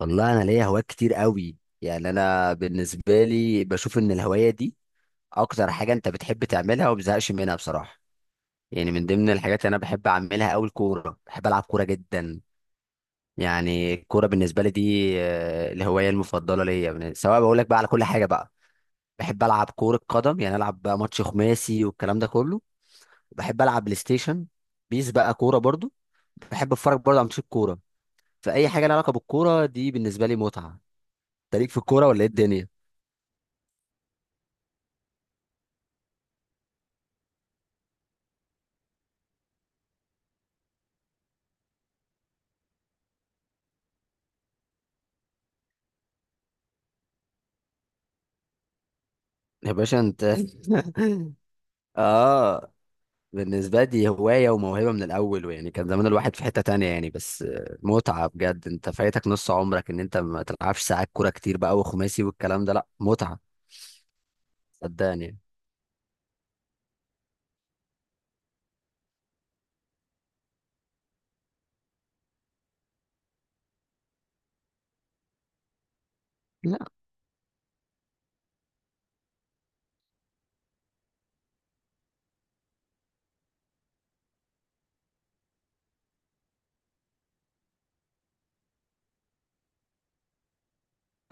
والله انا ليا هوايات كتير قوي. يعني انا بالنسبه لي بشوف ان الهوايه دي اكتر حاجه انت بتحب تعملها وما بتزهقش منها بصراحه. يعني من ضمن الحاجات اللي انا بحب اعملها قوي الكوره، بحب العب كوره جدا. يعني الكوره بالنسبه لي دي الهوايه المفضله ليا سواء بقول لك بقى على كل حاجه بقى. بحب العب كوره قدم، يعني العب بقى ماتش خماسي والكلام ده كله. بحب العب بلاي ستيشن، بيس بقى كوره برضو. بحب اتفرج برضو على ماتشات كوره. فاي حاجه لها علاقه بالكوره دي بالنسبه لي متعه. انت ليك في الكوره ولا ايه الدنيا؟ يا باشا انت اه. بالنسبة لي هواية وموهبة من الأول، ويعني كان زمان الواحد في حتة تانية يعني، بس متعة بجد. انت فايتك نص عمرك ان انت ما تلعبش ساعات كورة كتير بقى وخماسي والكلام ده، لا متعة. صدقني. لا.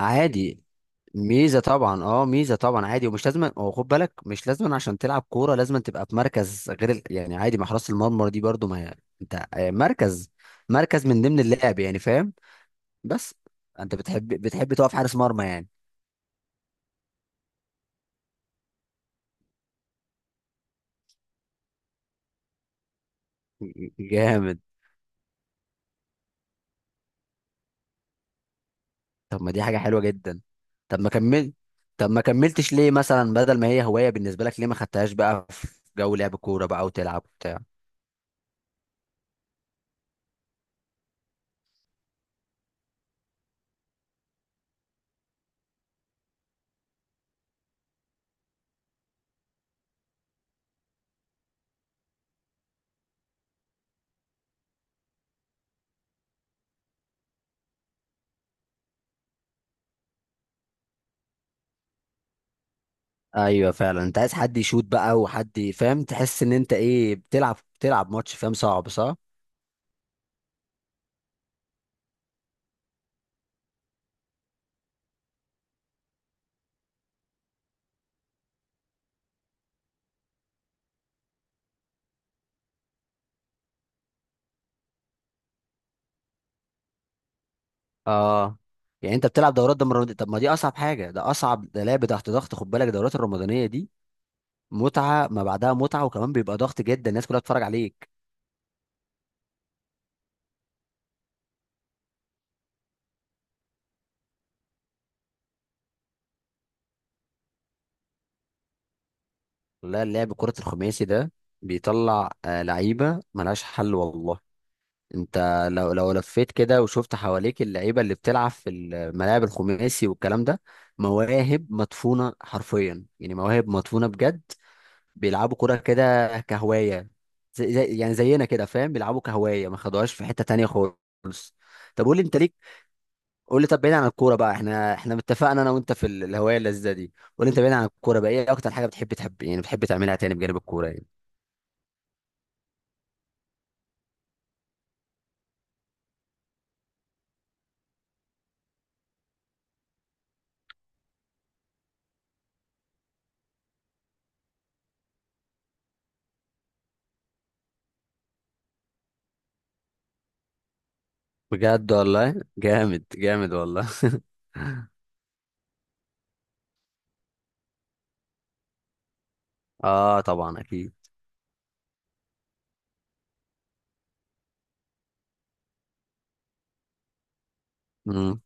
عادي. ميزة طبعا، اه ميزة طبعا عادي. ومش لازم، هو خد بالك مش لازم عشان تلعب كورة لازم تبقى في مركز غير يعني عادي، ما حراسة المرمى دي برضو ما هي- انت مركز من ضمن اللعب يعني فاهم. بس انت بتحب تقف حارس مرمى يعني؟ جامد. طب ما دي حاجة حلوة جدا. طب ما كمل، طب ما كملتش ليه مثلا؟ بدل ما هي هواية بالنسبة لك، ليه ما خدتهاش بقى في جو لعب كورة بقى وتلعب بتاع؟ ايوه فعلا، انت عايز حد يشوت بقى وحد فاهم، تحس ان انت ايه بتلعب ماتش فاهم، صعب صح؟ اه. يعني انت بتلعب دورات ده مرة؟ طب ما دي اصعب حاجة، ده اصعب، ده لعب تحت ضغط خد بالك. الدورات الرمضانية دي متعة ما بعدها متعة، وكمان بيبقى ضغط جدا، الناس كلها بتتفرج عليك. لا، لعب كرة الخماسي ده بيطلع لعيبة ملهاش حل والله. انت لو لفيت كده وشفت حواليك اللعيبة اللي بتلعب في الملاعب الخماسي والكلام ده، مواهب مدفونة حرفيا، يعني مواهب مدفونة بجد. بيلعبوا كرة كده كهواية. يعني زينا كده فاهم، بيلعبوا كهواية، ما خدوهاش في حتة تانية خالص. طب قول لي انت ليك، قول لي طب بعيد عن الكورة بقى، احنا اتفقنا انا وانت في الهواية اللذيذة دي. قول لي انت بعيد عن الكورة بقى ايه اكتر حاجة بتحب، يعني بتحب تعملها تاني بجانب الكورة يعني؟ بجد والله، جامد جامد والله. اه طبعا اكيد. امم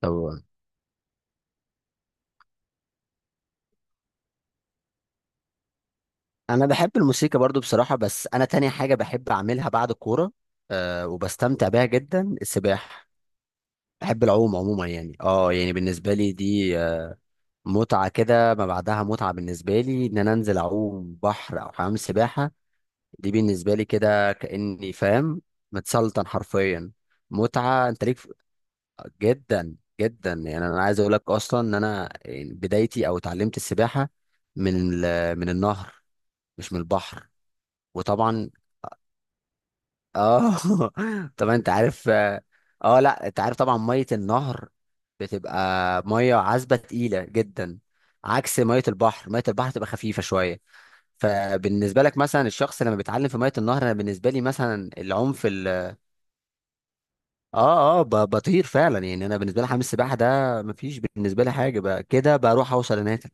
طبعا انا بحب الموسيقى برضو بصراحة، بس انا تاني حاجة بحب اعملها بعد الكورة وبستمتع بيها جدا، السباحة. بحب العوم عموما يعني، يعني بالنسبة لي دي متعة كده ما بعدها متعة. بالنسبة لي ان انا انزل اعوم بحر او حمام سباحة، دي بالنسبة لي كده كأني فاهم، متسلطن حرفيا، متعة. انت ليك جدا جدا. يعني انا عايز اقول لك اصلا ان انا يعني بدايتي او اتعلمت السباحه من من النهر، مش من البحر. وطبعا اه. طبعا انت عارف، اه لا انت عارف طبعا، ميه النهر بتبقى ميه عذبه تقيله جدا، عكس ميه البحر. ميه البحر تبقى خفيفه شويه. فبالنسبه لك مثلا الشخص لما بيتعلم في ميه النهر، انا بالنسبه لي مثلا العنف. اه اه، بطير فعلا يعني. انا بالنسبه لي حمام السباحه ده مفيش بالنسبه لي حاجه، بقى كده بروح اوصل هناك،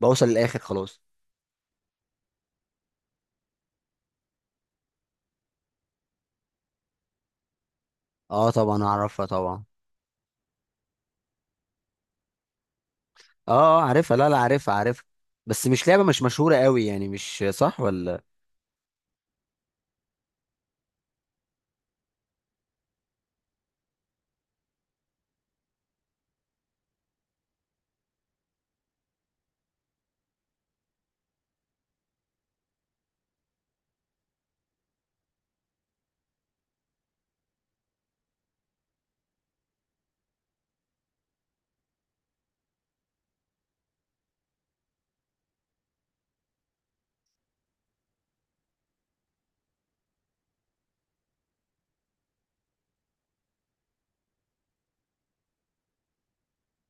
بوصل للاخر خلاص. اه طبعا اعرفها طبعا. اه اه عارفها، لا لا عارفها عارفها. بس مش لعبه مش مشهوره قوي يعني، مش صح ولا؟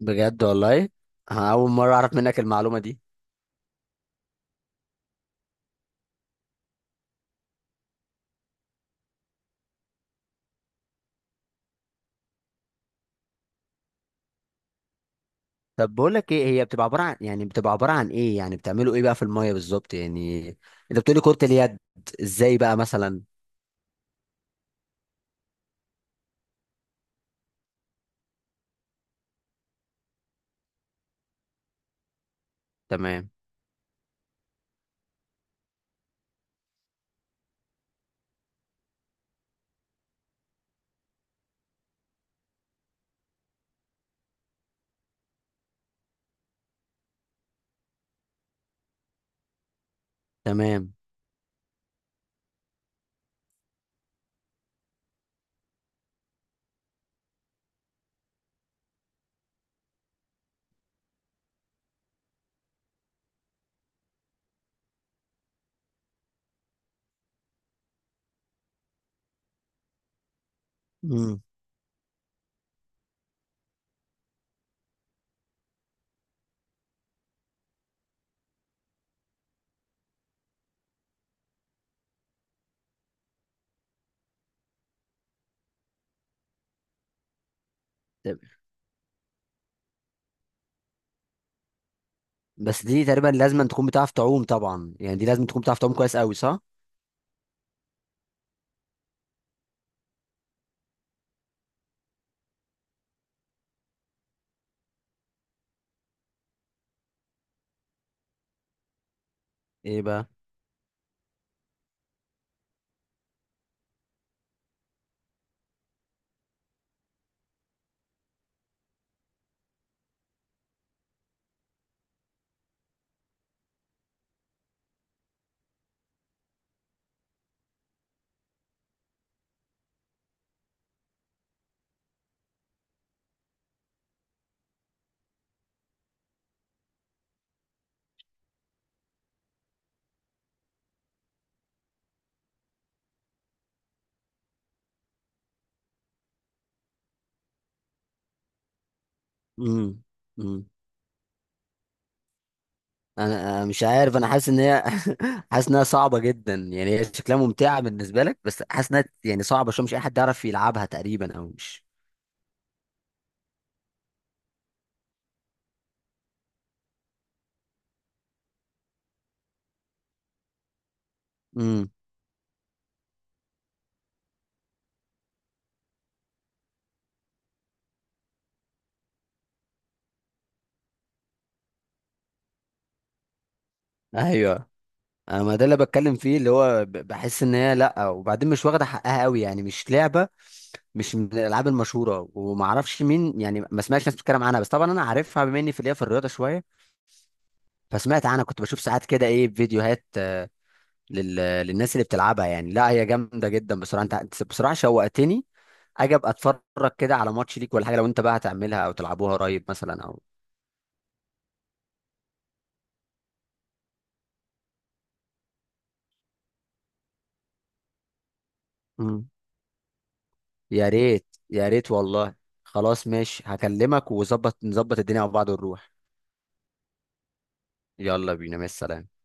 بجد والله، أنا اول مره اعرف منك المعلومه دي. طب بقول لك ايه، هي بتبقى عباره عن يعني بتبقى عباره عن ايه؟ يعني بتعملوا ايه بقى في الميه بالظبط يعني؟ انت بتقولي كره اليد، ازاي بقى مثلا؟ تمام. تمام. امم. بس دي تقريبا لازم تكون بتعرف تعوم طبعا يعني، دي لازم تكون بتعرف تعوم كويس قوي، صح؟ ايه بقى؟ امم، امم. انا مش عارف، انا حاسس ان هي، حاسس انها صعبه جدا يعني. هي شكلها ممتعه بالنسبه لك، بس حاسس انها يعني صعبه شويه، مش اي حد يعرف يلعبها تقريبا او مش. امم. ايوه، انا ما ده اللي بتكلم فيه، اللي هو بحس ان هي، لا وبعدين مش واخده حقها قوي يعني، مش لعبه مش من الالعاب المشهوره، وما اعرفش مين يعني، ما سمعتش ناس بتتكلم عنها. بس طبعا انا عارفها بما اني في ليا في الرياضه شويه، فسمعت عنها. كنت بشوف ساعات كده ايه فيديوهات لل... للناس اللي بتلعبها يعني. لا هي جامده جدا بصراحه، انت بصراحه شوقتني. اجي ابقى اتفرج كده على ماتش ليك، ولا حاجه لو انت بقى هتعملها او تلعبوها قريب مثلا او... مم. يا ريت يا ريت والله. خلاص ماشي هكلمك نظبط الدنيا مع بعض ونروح. يلا بينا، مع السلامه.